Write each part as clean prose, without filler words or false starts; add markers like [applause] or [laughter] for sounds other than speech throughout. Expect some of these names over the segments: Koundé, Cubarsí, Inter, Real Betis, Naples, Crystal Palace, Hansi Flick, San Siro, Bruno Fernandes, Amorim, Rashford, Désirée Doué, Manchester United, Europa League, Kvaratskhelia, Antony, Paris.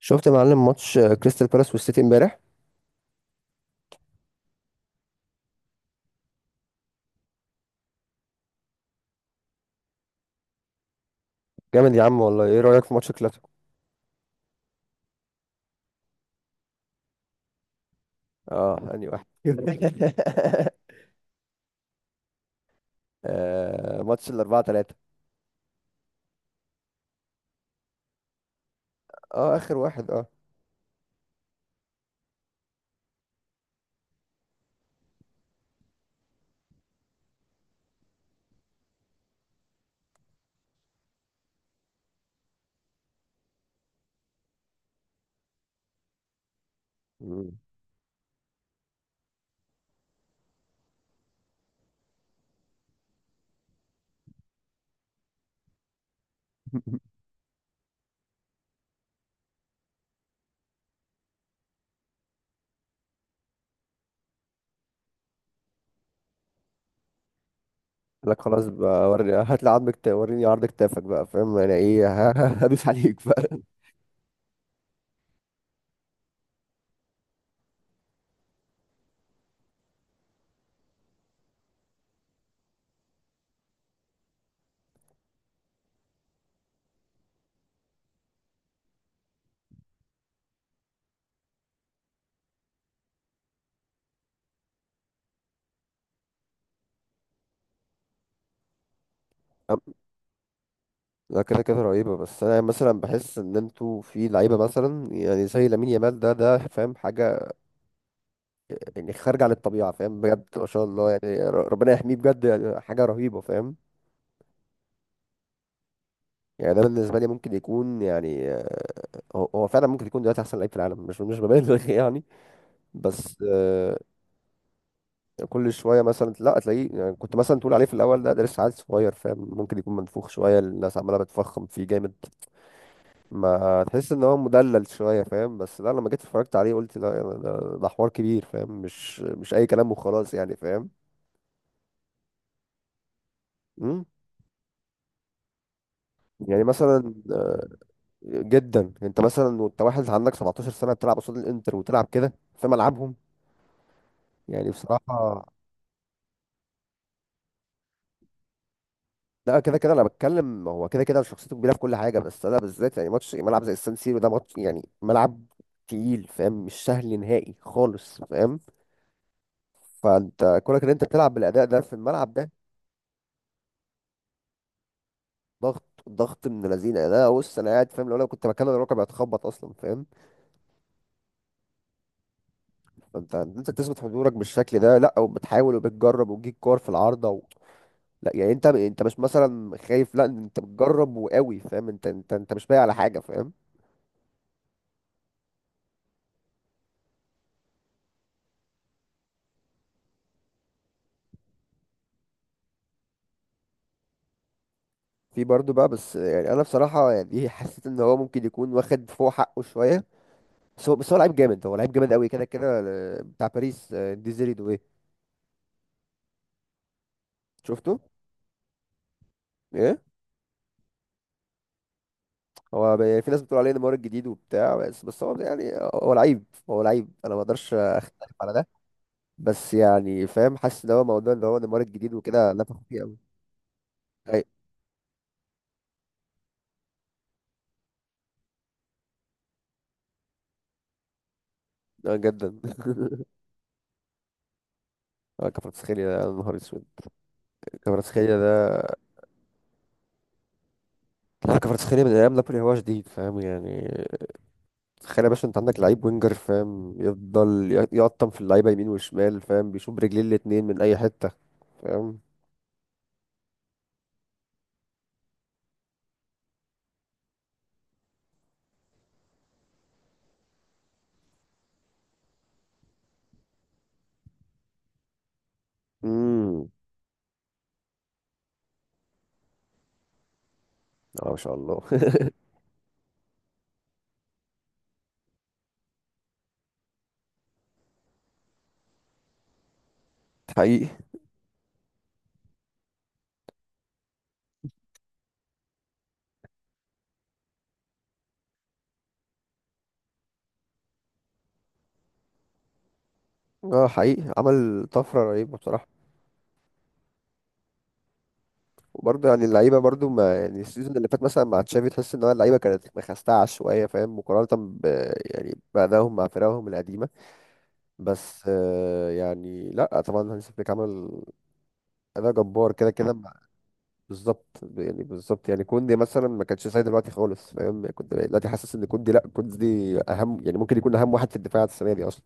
شفت يا معلم ماتش كريستال بالاس والسيتي امبارح. جامد يا عم والله. ايه رأيك في ماتش كلاسيكو؟ اه انهي واحد؟ [laughs] آه، ماتش الاربعة تلاتة. اه اخر واحد اه. مم. [laughs] قال لك خلاص بقى وري هات لي عظمك وريني عرض كتافك بقى، فاهم انا ايه؟ [laughs] هدوس عليك بقى. أم- لا كده كده رهيبة، بس انا مثلا بحس ان انتوا في لعيبة مثلا يعني زي لامين يامال ده، فاهم حاجة يعني خارجة عن الطبيعة، فاهم؟ بجد ما شاء الله يعني، ربنا يحميه بجد، يعني حاجة رهيبة، فاهم؟ يعني ده بالنسبه لي ممكن يكون يعني، هو فعلا ممكن يكون دلوقتي احسن لعيب في العالم، مش ببالغ [laughs] يعني. بس كل شويه مثلا لا تلاقيه، يعني كنت مثلا تقول عليه في الاول، ده لسه عيل صغير فاهم، ممكن يكون منفوخ شويه، الناس عماله بتفخم فيه جامد، ما تحس ان هو مدلل شويه فاهم. بس لا لما جيت اتفرجت عليه قلت لا، ده حوار كبير فاهم، مش اي كلام وخلاص يعني فاهم. مم؟ يعني مثلا جدا، انت مثلا وانت واحد عندك 17 سنة سنه بتلعب قصاد الانتر وتلعب كده في ملعبهم يعني بصراحة. لا كده كده انا بتكلم، هو كده كده شخصيته كبيرة في كل حاجة، بس انا بالذات يعني ماتش ملعب زي السان سيرو، ده ماتش يعني ملعب تقيل فاهم، مش سهل نهائي خالص فاهم. فانت كونك ان انت تلعب بالاداء ده في الملعب ده، ضغط من الذين، ده بص انا قاعد فاهم لو انا كنت مكان الركب هتخبط اصلا فاهم. فانت تثبت حضورك بالشكل ده، لا وبتحاول وبتجرب وتجيب كور في العارضة و... لا يعني انت مش مثلا خايف، لا انت بتجرب وقوي فاهم، انت مش بايع على حاجة فاهم. في برضه بقى، بس يعني انا بصراحه يعني [laughs] حسيت ان هو ممكن يكون واخد فوق حقه شويه. بس هو لعيب جامد، هو لعيب جامد قوي كده كده. بتاع باريس، ديزيري دوي، شفته؟ ايه، يعني في ناس بتقول عليه نيمار الجديد وبتاع، بس هو يعني هو لعيب، هو لعيب انا ما اقدرش اختلف على ده. بس يعني فاهم حاسس ان هو موضوع ان هو نيمار الجديد وكده لفخ فيه قوي. اي جدا. [laughs] كفرتسخيليا ده يا نهار اسود. كفرتسخيليا ده، لا كفرتسخيليا من ايام نابولي هو جديد فاهم يعني. تخيل يا باشا انت عندك لعيب وينجر فاهم، يفضل يقطم في اللعيبه يمين وشمال فاهم، بيشوف برجلين الاتنين من اي حته فاهم. امم، اه ما شاء الله. [laughs] حقيقي. اه حقيقي عمل طفره رهيبه بصراحه. وبرضه يعني اللعيبه برضه ما يعني السيزون اللي فات مثلا مع تشافي تحس ان هو اللعيبه كانت مخستعه شويه فاهم، مقارنه ب يعني بأدائهم مع فرقهم القديمه. بس آه يعني لا طبعا هانسي فليك عمل اداء جبار كده كده. بالظبط يعني. بالظبط يعني كوندي مثلا ما كانش زي دلوقتي خالص فاهم، يعني كنت دلوقتي حاسس ان كوندي، لا كوندي اهم، يعني ممكن يكون اهم واحد في الدفاع السنه دي اصلا.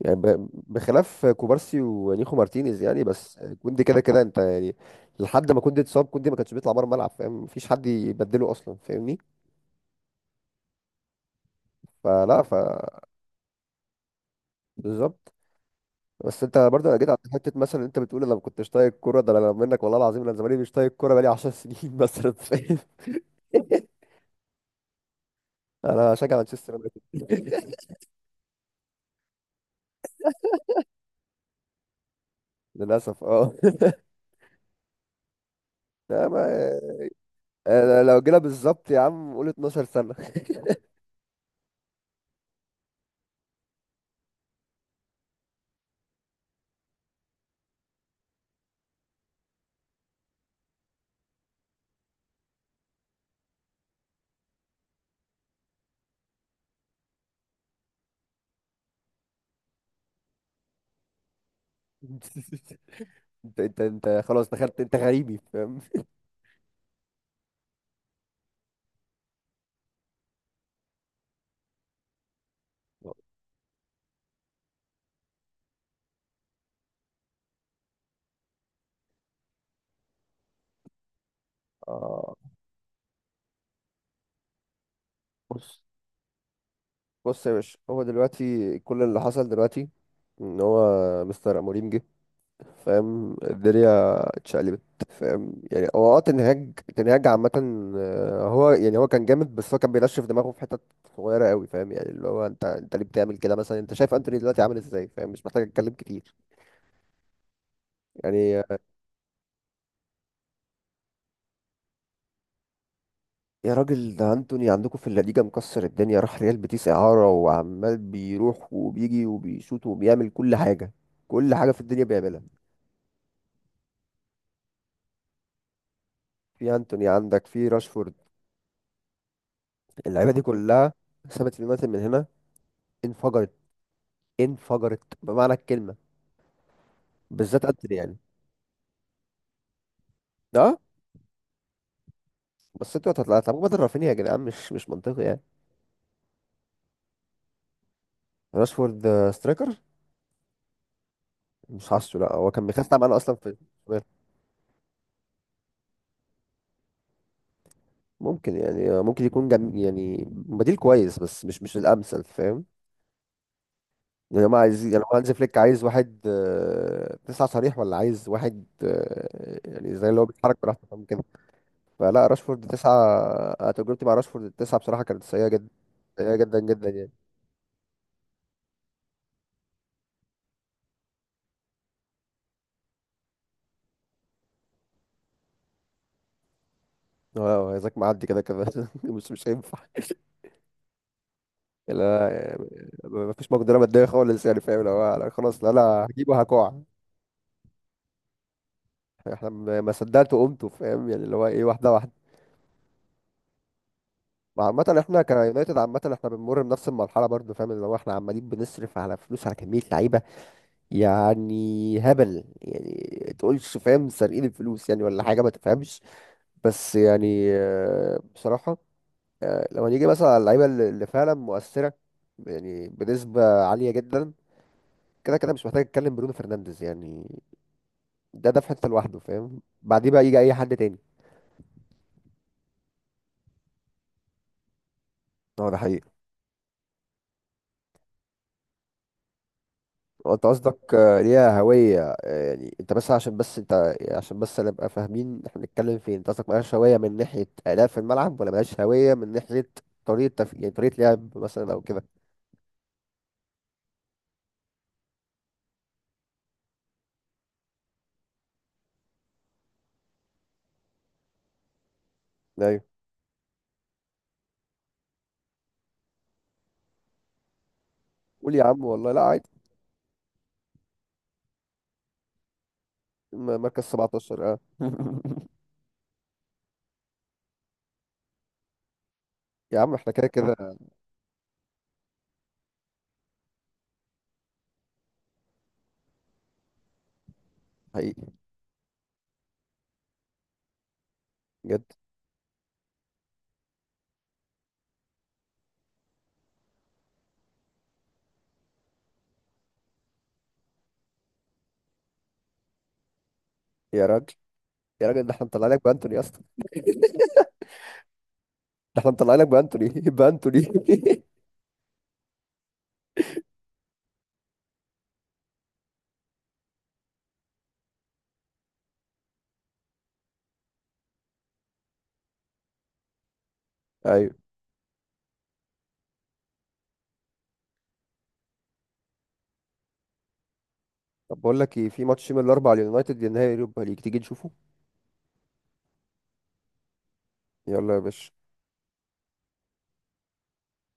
يعني بخلاف كوبارسي ونيخو مارتينيز يعني، بس كوندي كده كده انت يعني. لحد ما كوندي اتصاب، كوندي ما كانش بيطلع بره الملعب فاهم، مفيش حد يبدله اصلا فاهمني. فلا ف بالظبط. بس انت برضه جيت على حته مثلا، انت بتقول انا ما كنتش طايق الكوره، ده انا منك والله العظيم، انا زماني مش طايق الكوره بقالي 10 سنين مثلا فاهم. [laughs] انا شجع مانشستر يونايتد للأسف اه. [laughs] لا ما أنا لو جينا بالظبط يا عم قول 12 سنة. [laughs] انت خلاص دخلت انت غريبي فاهم. اه، بص. بص يا باشا، هو دلوقتي كل اللي حصل دلوقتي ان هو مستر اموريم جه، فاهم الدنيا اتشقلبت فاهم. يعني هو اه تنهاج عامة هو يعني هو كان جامد، بس هو كان بينشف دماغه في حتت صغيرة قوي فاهم، يعني اللي هو انت ليه بتعمل كده مثلا؟ انت شايف انتوني دلوقتي عامل ازاي فاهم، مش محتاج اتكلم كتير يعني. يا راجل ده انتوني عندكم في الليجا مكسر الدنيا، راح ريال بيتيس اعاره وعمال بيروح وبيجي وبيشوط وبيعمل كل حاجه، كل حاجه في الدنيا بيعملها. في انتوني عندك، في راشفورد، اللعيبه دي كلها سابت اليونايتد من هنا، انفجرت، انفجرت بمعنى الكلمه، بالذات انتوني يعني. اه بس انتوا هتطلعوا هتلعبوا بدل رافينيا يا جدعان، مش منطقي يعني. راشفورد سترايكر مش حاسه، لا هو كان بيخاف معانا اصلا في. ممكن يعني ممكن يكون يعني بديل كويس بس مش الامثل فاهم. يعني هم عايزين يعني هو هانز فليك عايز واحد تسعة صريح، ولا عايز واحد يعني زي اللي هو بيتحرك براحته فاهم كده. فلا راشفورد تسعة، أنا تجربتي مع راشفورد التسعة بصراحة كانت سيئة جدا، سيئة جدا جدا يعني. اه ذاك معدي كده كده [laughs] مش هينفع. لا ما فيش مقدرة مادية خالص يعني فاهم، لو لا خلاص، لا انا هجيبه هكوع. احنا ما صدقت وقمت فاهم، يعني اللي هو ايه واحدة واحدة. وعامة احنا كيونايتد، عامة احنا بنمر بنفس المرحلة برضه فاهم، اللي هو احنا عمالين بنصرف على فلوس على كمية لعيبة يعني هبل، يعني تقولش فاهم سارقين الفلوس يعني، ولا حاجة ما تفهمش. بس يعني بصراحة، لو هنيجي مثلا على اللعيبة اللي فعلا مؤثرة يعني بنسبة عالية جدا، كده كده مش محتاج اتكلم، برونو فرنانديز يعني ده في حتة لوحده فاهم، بعديه بقى يجي اي حد تاني. اه ده حقيقي. انت قصدك ليها هوية، يعني انت بس عشان، بس انت عشان بس نبقى فاهمين احنا بنتكلم فين، انت قصدك ملهاش هوية من ناحية أداء في الملعب ولا ملهاش هوية من ناحية يعني طريقة لعب مثلا او كده؟ ايوه. قول يا عم والله، لا عادي. مركز 17 اه. [laughs] يا عم احنا كده كده. حقيقي، بجد. يا راجل، ده احنا مطلع لك بانتوني يا اسطى، ده احنا مطلع لك بانتوني [laughs] بانتوني. [laughs] ايوه. طب بقول لك ايه، في ماتش من الاربع اليونايتد نهائي اليوروبا ليج، تيجي نشوفه؟ يلا يا باشا.